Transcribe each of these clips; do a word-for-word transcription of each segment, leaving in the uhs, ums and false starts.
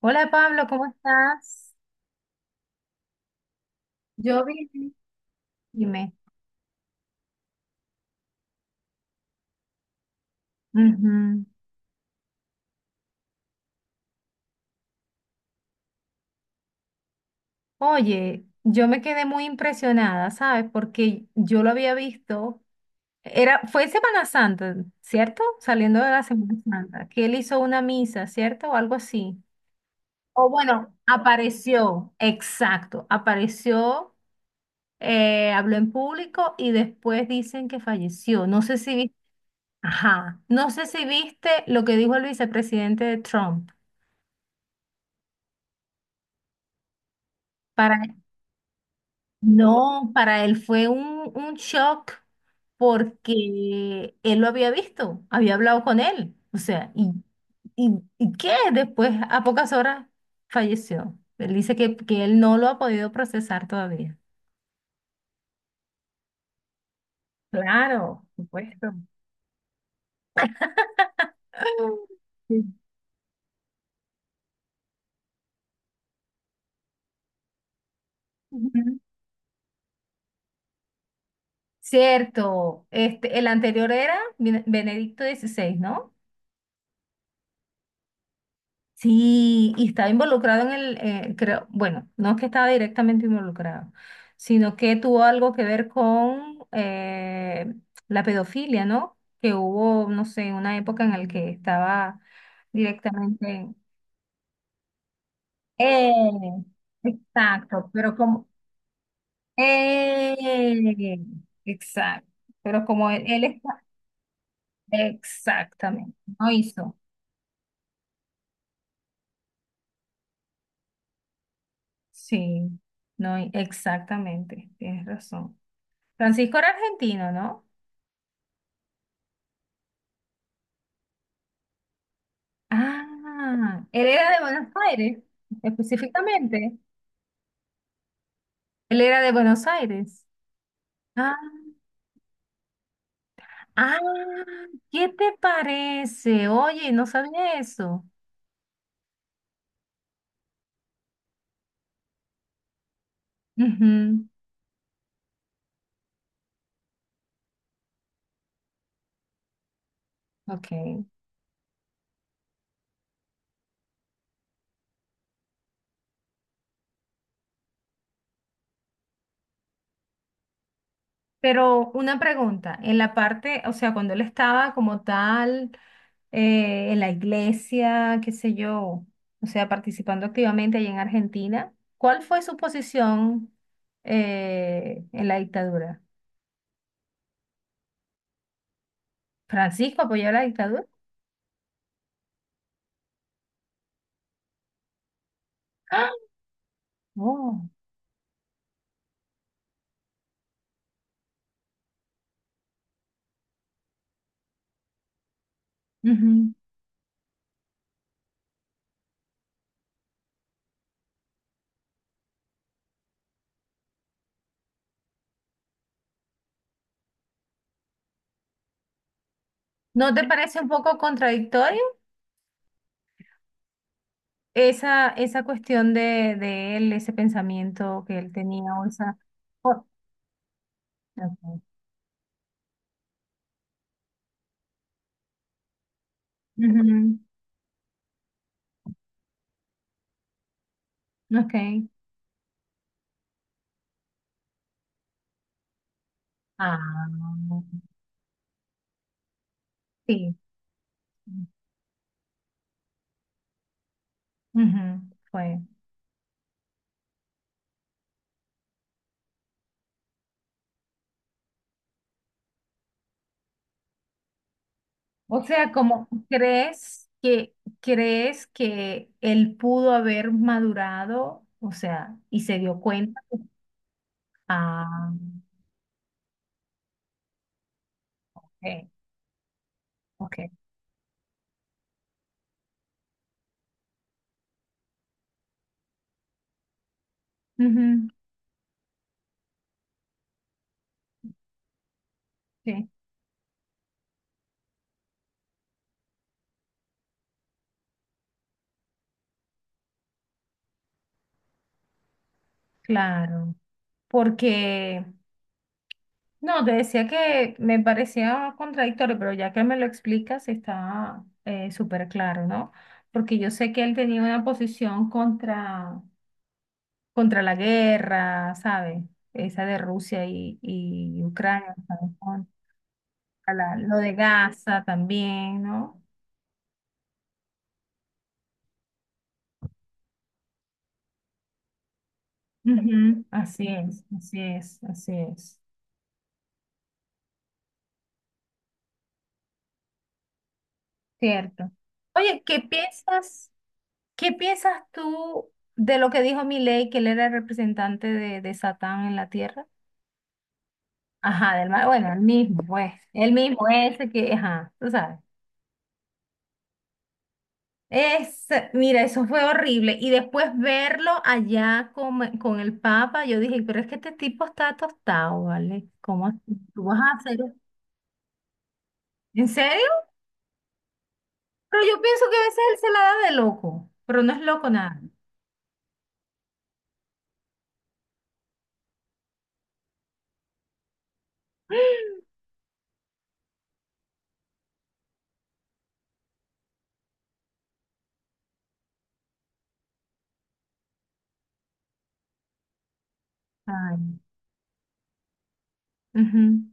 Hola Pablo, ¿cómo estás? Yo bien. Dime. Ujú. Oye, yo me quedé muy impresionada, ¿sabes? Porque yo lo había visto. Era, fue Semana Santa, ¿cierto? Saliendo de la Semana Santa, que él hizo una misa, ¿cierto? O algo así. O bueno, apareció, exacto, apareció, eh, habló en público y después dicen que falleció. No sé si viste, ajá, no sé si viste lo que dijo el vicepresidente de Trump. Para no, para él fue un, un shock porque él lo había visto, había hablado con él. O sea, ¿y, y, y qué? Después, a pocas horas, falleció. Él dice que, que él no lo ha podido procesar todavía. Claro, por supuesto. Sí. Ujú. Cierto, este, el anterior era Bene- Benedicto dieciséis, ¿no? Sí, y estaba involucrado en el, eh, creo, bueno, no es que estaba directamente involucrado, sino que tuvo algo que ver con eh, la pedofilia, ¿no? Que hubo, no sé, una época en la que estaba directamente… Eh, exacto, pero como… Eh, exacto, pero como él, él está… Exactamente, no hizo. Sí, no, hi- exactamente, tienes razón. Francisco era argentino, ¿no? Ah, él era de Buenos Aires, específicamente. Él era de Buenos Aires. Ah, ah, ¿qué te parece? Oye, no sabía eso. Ujú. Ok. Pero una pregunta, en la parte, o sea, cuando él estaba como tal, eh, en la iglesia, qué sé yo, o sea, participando activamente allí en Argentina, ¿cuál fue su posición, eh, en la dictadura? Francisco apoyó la dictadura. ¡Ah! Oh, ujú. ¿No te parece un poco contradictorio esa, esa cuestión de, de él, ese pensamiento que él tenía o esa… Oh, ok. Ujú, ok. Ah, sí. Ujú, fue. O sea, como crees que crees que él pudo haber madurado, o sea, y se dio cuenta. Ah, ok, ok. Ujú, sí. Claro, porque, no, te decía que me parecía contradictorio, pero ya que me lo explicas está eh, súper claro, ¿no? Porque yo sé que él tenía una posición contra, contra la guerra, ¿sabes? Esa de Rusia y, y Ucrania, ¿sabes? Contra la- lo de Gaza también, ¿no? Ujú. Así es, así es, así es. Cierto. Oye, ¿qué piensas? ¿Qué piensas tú de lo que dijo Milei, que él era el representante de, de Satán en la tierra? Ajá, del mal, bueno, el mismo, pues, el mismo, ese que, ajá, tú sabes. Es, mira, eso fue horrible. Y después verlo allá con, con el Papa, yo dije, pero es que este tipo está tostado, ¿vale? ¿Cómo así? ¿Tú vas a hacer? ¿En serio? Pero yo pienso que a veces él se la da de loco, pero no es loco nada. Ay, ujú.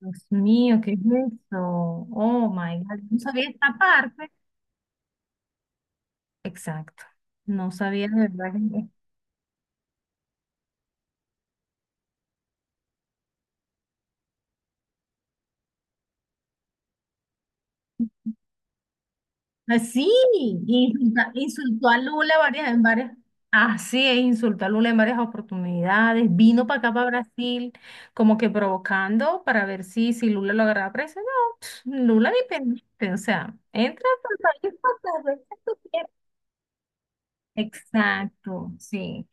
Dios mío, ¿qué es eso? Oh my God, no sabía esta parte. Exacto, no sabía de verdad que. Ah, sí, insulta- insultó a Lula varias, en varias. Así es, insultó a Lula en varias oportunidades. Vino para acá, para Brasil, como que provocando para ver si, si Lula lo agarraba preso. No, Lula ni pendiente, o sea, entra a tu país cuantas veces tú quieras. Exacto, sí.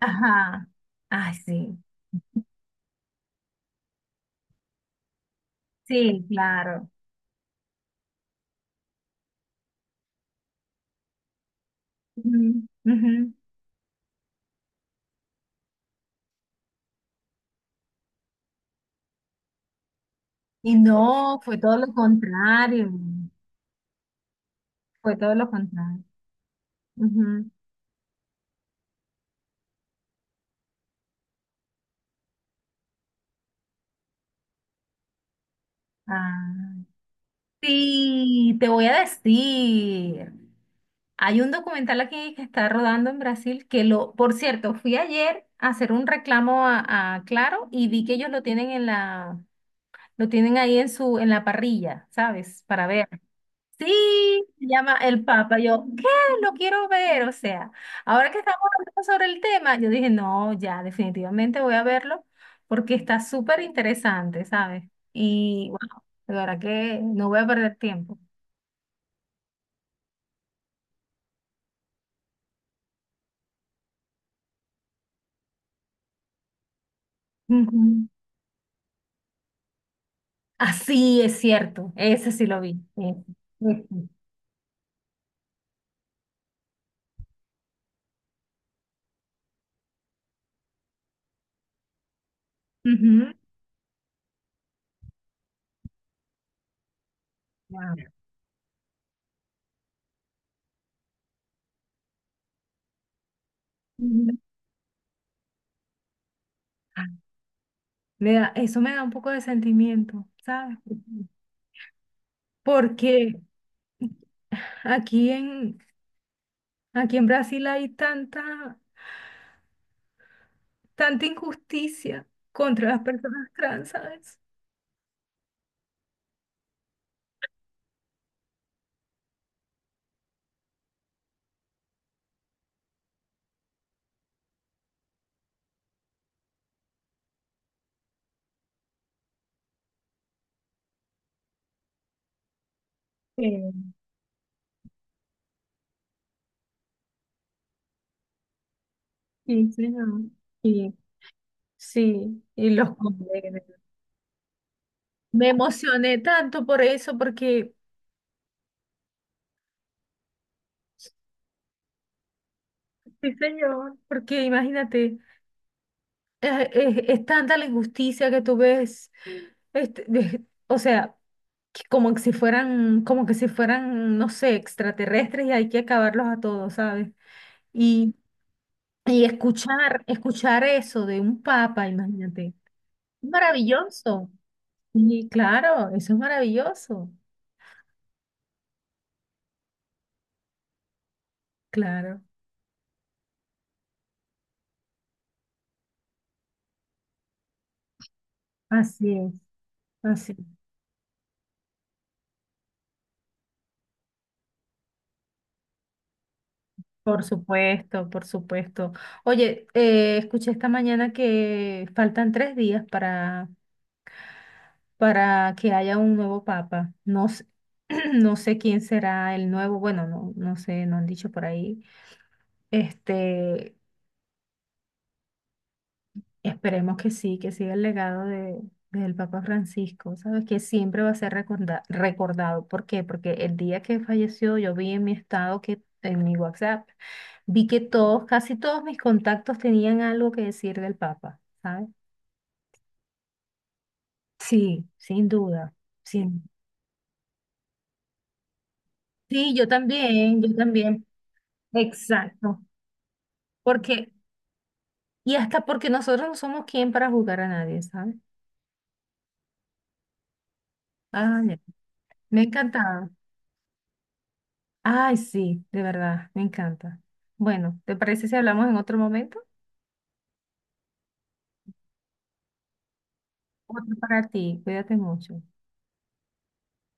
Ajá, ay, sí, sí, claro. Ujú, ujú. Y no, fue todo lo contrario, fue todo lo contrario. Ujú. Ah, sí, te voy a decir. Hay un documental aquí que está rodando en Brasil que lo, por cierto, fui ayer a hacer un reclamo a, a Claro y vi que ellos lo tienen en la, lo tienen ahí en su, en la parrilla, ¿sabes? Para ver. Sí, se llama El Papa. Yo, ¿qué? Lo quiero ver. O sea, ahora que estamos hablando sobre el tema, yo dije, no, ya, definitivamente voy a verlo porque está súper interesante, ¿sabes? Y bueno, de verdad que no voy a perder tiempo. Ujú. Así es cierto, ese sí lo vi. Ese, ese. Ujú. Wow. Ujú. Ah, Me da- eso me da un poco de sentimiento, ¿sabes? Porque aquí en, aquí en Brasil hay tanta, tanta injusticia contra las personas trans, ¿sabes? Eh, sí, señor. Y sí, y los condenan. Me emocioné tanto por eso, porque, sí, señor, porque imagínate, eh, eh, es, tanta la injusticia que tú ves, este, de- o sea, que como que si fueran, como que si fueran, no sé, extraterrestres y hay que acabarlos a todos, ¿sabes? Y, y escuchar, escuchar eso de un papa, imagínate, maravilloso. Y claro, eso es maravilloso. Claro, así es, así. Por supuesto, por supuesto. Oye, eh, escuché esta mañana que faltan tres días para, para que haya un nuevo papa. No, s- no sé quién será el nuevo, bueno, no, no sé, no han dicho por ahí. Este, esperemos que sí, que siga el legado de, del Papa Francisco, ¿sabes? Que siempre va a ser recorda- recordado. ¿Por qué? Porque el día que falleció yo vi en mi estado que, en mi WhatsApp, vi que todos, casi todos mis contactos tenían algo que decir del Papa, ¿sabes? Sí, sin duda. Sí, sí, yo también, yo también. Exacto. Porque, y hasta porque nosotros no somos quien para juzgar a nadie, ¿sabes? Ah, ya. Me ha encantado. Ay, sí, de verdad, me encanta. Bueno, ¿te parece si hablamos en otro momento? Otro para ti, cuídate mucho.